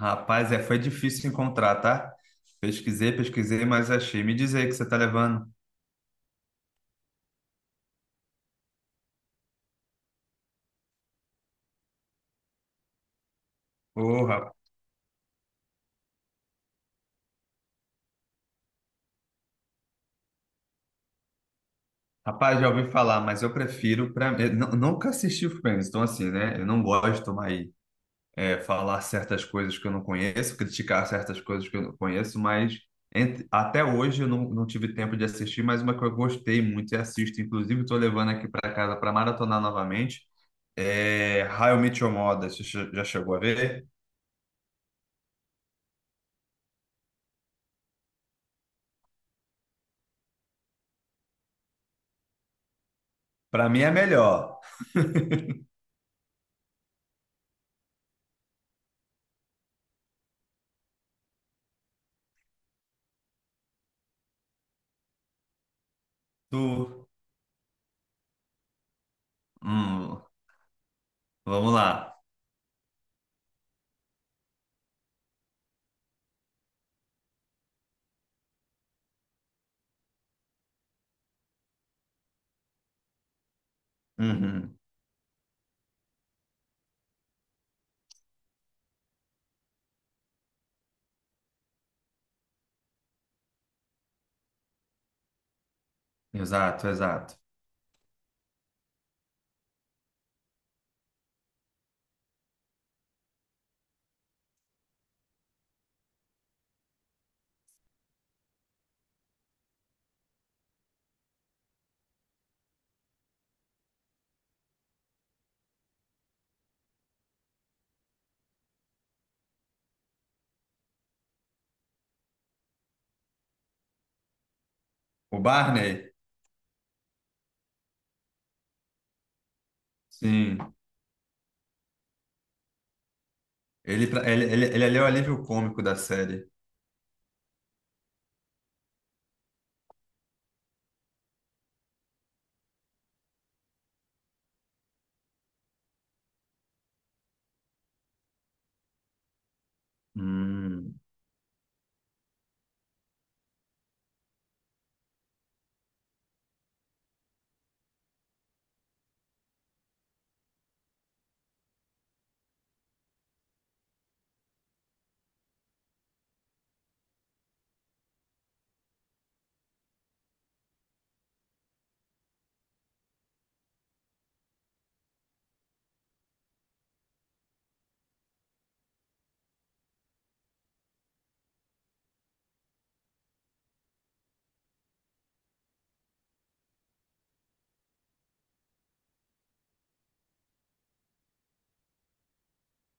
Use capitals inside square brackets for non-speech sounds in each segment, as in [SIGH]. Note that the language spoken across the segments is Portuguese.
Rapaz, foi difícil encontrar, tá? Pesquisei, pesquisei, mas achei. Me diz aí o que você tá levando. Ô, rapaz, já ouvi falar, mas eu prefiro para nunca assisti o Friends, então assim, né? Eu não gosto mais falar certas coisas que eu não conheço, criticar certas coisas que eu não conheço, mas até hoje eu não tive tempo de assistir, mas uma que eu gostei muito e assisto, inclusive estou levando aqui para casa para maratonar novamente. É How I Met Your Mother, você já chegou a ver? Para mim é melhor. Tu Hum. Vamos lá. Uhum. Exato, exato. O Barney, sim. Ele, pra- ele é o alívio cômico da série. Hum.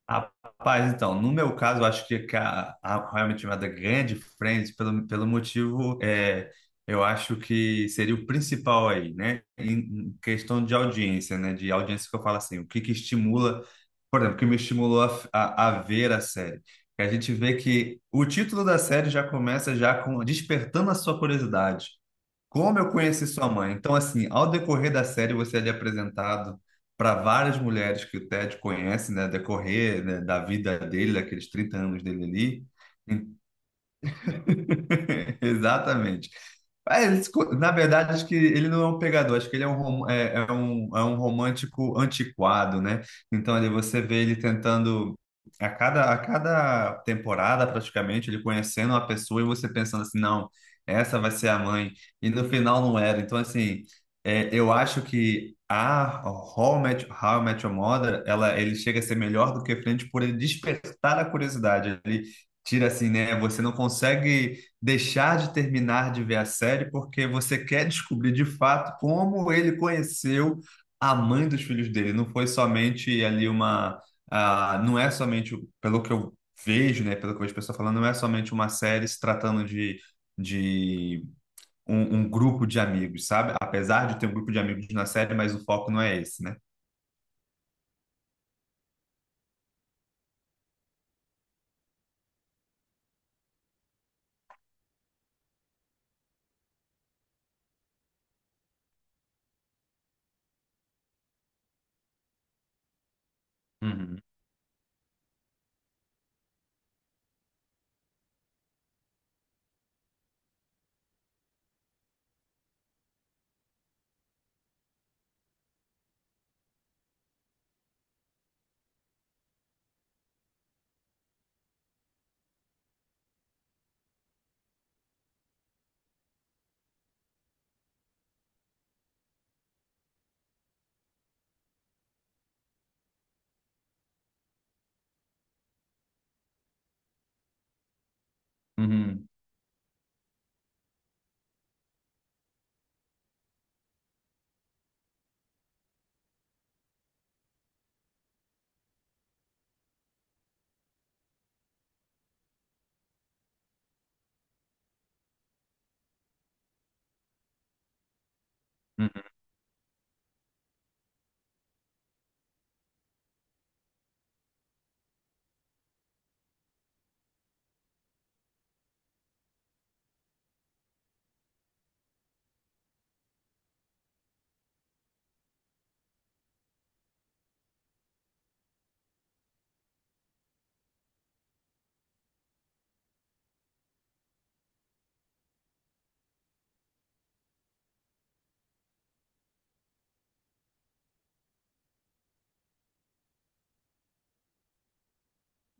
Rapaz, então, no meu caso, eu acho que a How I Met Your Mother ganha de Friends pelo motivo, eu acho que seria o principal aí, né? Em questão de audiência, né? De audiência que eu falo assim, o que que estimula, por exemplo, o que me estimulou a ver a série. Que a gente vê que o título da série já começa já com despertando a sua curiosidade. Como eu conheci sua mãe? Então, assim, ao decorrer da série, você é ali apresentado para várias mulheres que o Ted conhece, né? Decorrer, né, da vida dele, daqueles 30 anos dele ali. [LAUGHS] Exatamente. Ah, ele na verdade, acho que ele não é um pegador, acho que ele é um romântico antiquado, né? Então, ali você vê ele tentando, a cada temporada, praticamente, ele conhecendo uma pessoa e você pensando assim, não, essa vai ser a mãe. E no final não era. Então, assim, eu acho que a How I Met Your Mother, ela, ele chega a ser melhor do que Friends por ele despertar a curiosidade. Ele tira assim, né? Você não consegue deixar de terminar de ver a série porque você quer descobrir de fato como ele conheceu a mãe dos filhos dele. Não foi somente ali uma. Ah, não é somente, pelo que eu vejo, né, pelo que eu vejo o pessoal falando, não é somente uma série se tratando de um grupo de amigos, sabe? Apesar de ter um grupo de amigos na série, mas o foco não é esse, né? Uhum, uhum, uhum.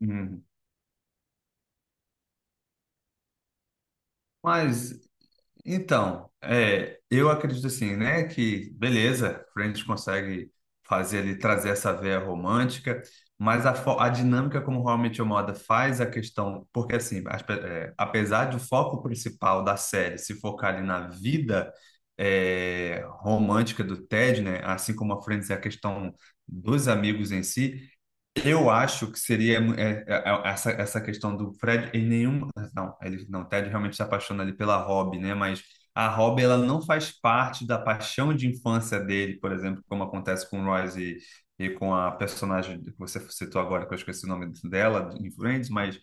Uhum. Mas então, eu acredito assim, né, que beleza, Friends consegue fazer ali, trazer essa veia romântica, mas a dinâmica como How I Met Your Mother faz a questão, porque assim, apesar de o foco principal da série se focar ali na vida romântica do Ted, né, assim como a Friends é a questão dos amigos em si, eu acho que seria essa questão do Fred em nenhum. Não, ele não, o Ted realmente se apaixona ali pela Rob, né? Mas a Rob ela não faz parte da paixão de infância dele, por exemplo, como acontece com o Royce e com a personagem que você citou agora, que eu esqueci o nome dela, em Friends, mas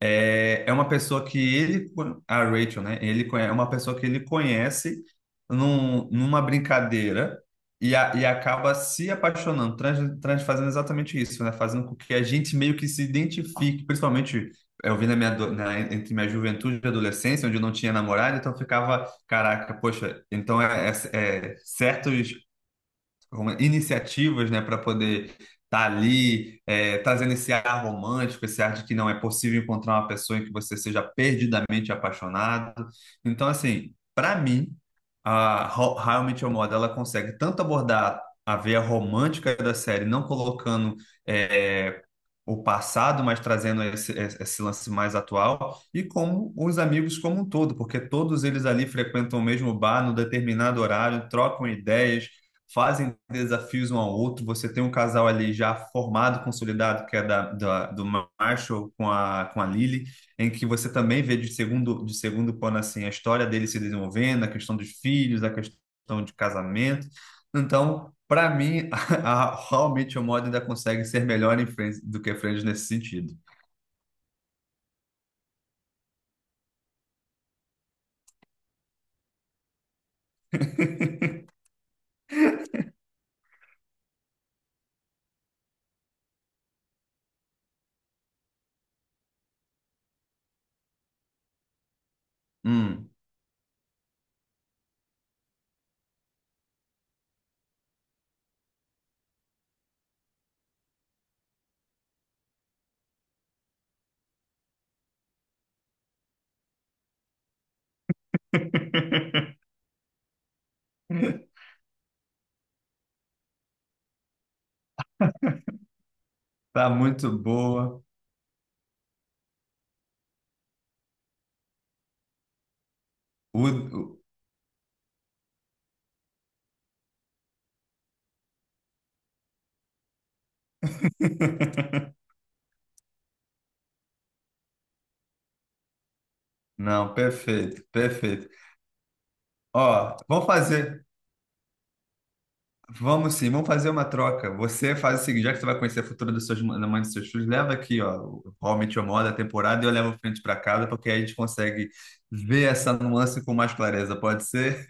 é uma pessoa que ele, a Rachel, né? Ele é uma pessoa que ele conhece numa brincadeira e acaba se apaixonando, fazendo exatamente isso, né? Fazendo com que a gente meio que se identifique, principalmente eu vi na minha, entre minha juventude e adolescência, onde eu não tinha namorado, então eu ficava, caraca, poxa, então certos com iniciativas, né, para poder estar ali, trazendo esse ar romântico, esse ar de que não é possível encontrar uma pessoa em que você seja perdidamente apaixonado. Então, assim, para mim, a How I Met Your Mother, ela consegue tanto abordar a veia romântica da série, não colocando é, o passado, mas trazendo esse lance mais atual, e como os amigos como um todo, porque todos eles ali frequentam o mesmo bar no determinado horário, trocam ideias, fazem desafios um ao outro. Você tem um casal ali já formado, consolidado, que é do Marshall com a Lily, em que você também vê de segundo plano assim, a história dele se desenvolvendo, a questão dos filhos, a questão de casamento. Então, para mim, [LAUGHS] a How I Met Your Mother ainda consegue ser melhor em Friends do que Friends nesse sentido. Hum. [LAUGHS] Tá muito boa. O- o- [LAUGHS] Não, perfeito, perfeito. Ó, vamos fazer. Vamos sim, vamos fazer uma troca. Você faz o seguinte, já que você vai conhecer a futura das suas, da mãe dos seus filhos, leva aqui, ó, o How I Met Your Mother, a temporada, e eu levo o Friends para casa, porque aí a gente consegue ver essa nuance com mais clareza. Pode ser?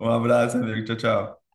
Um abraço, amigo. Tchau, tchau.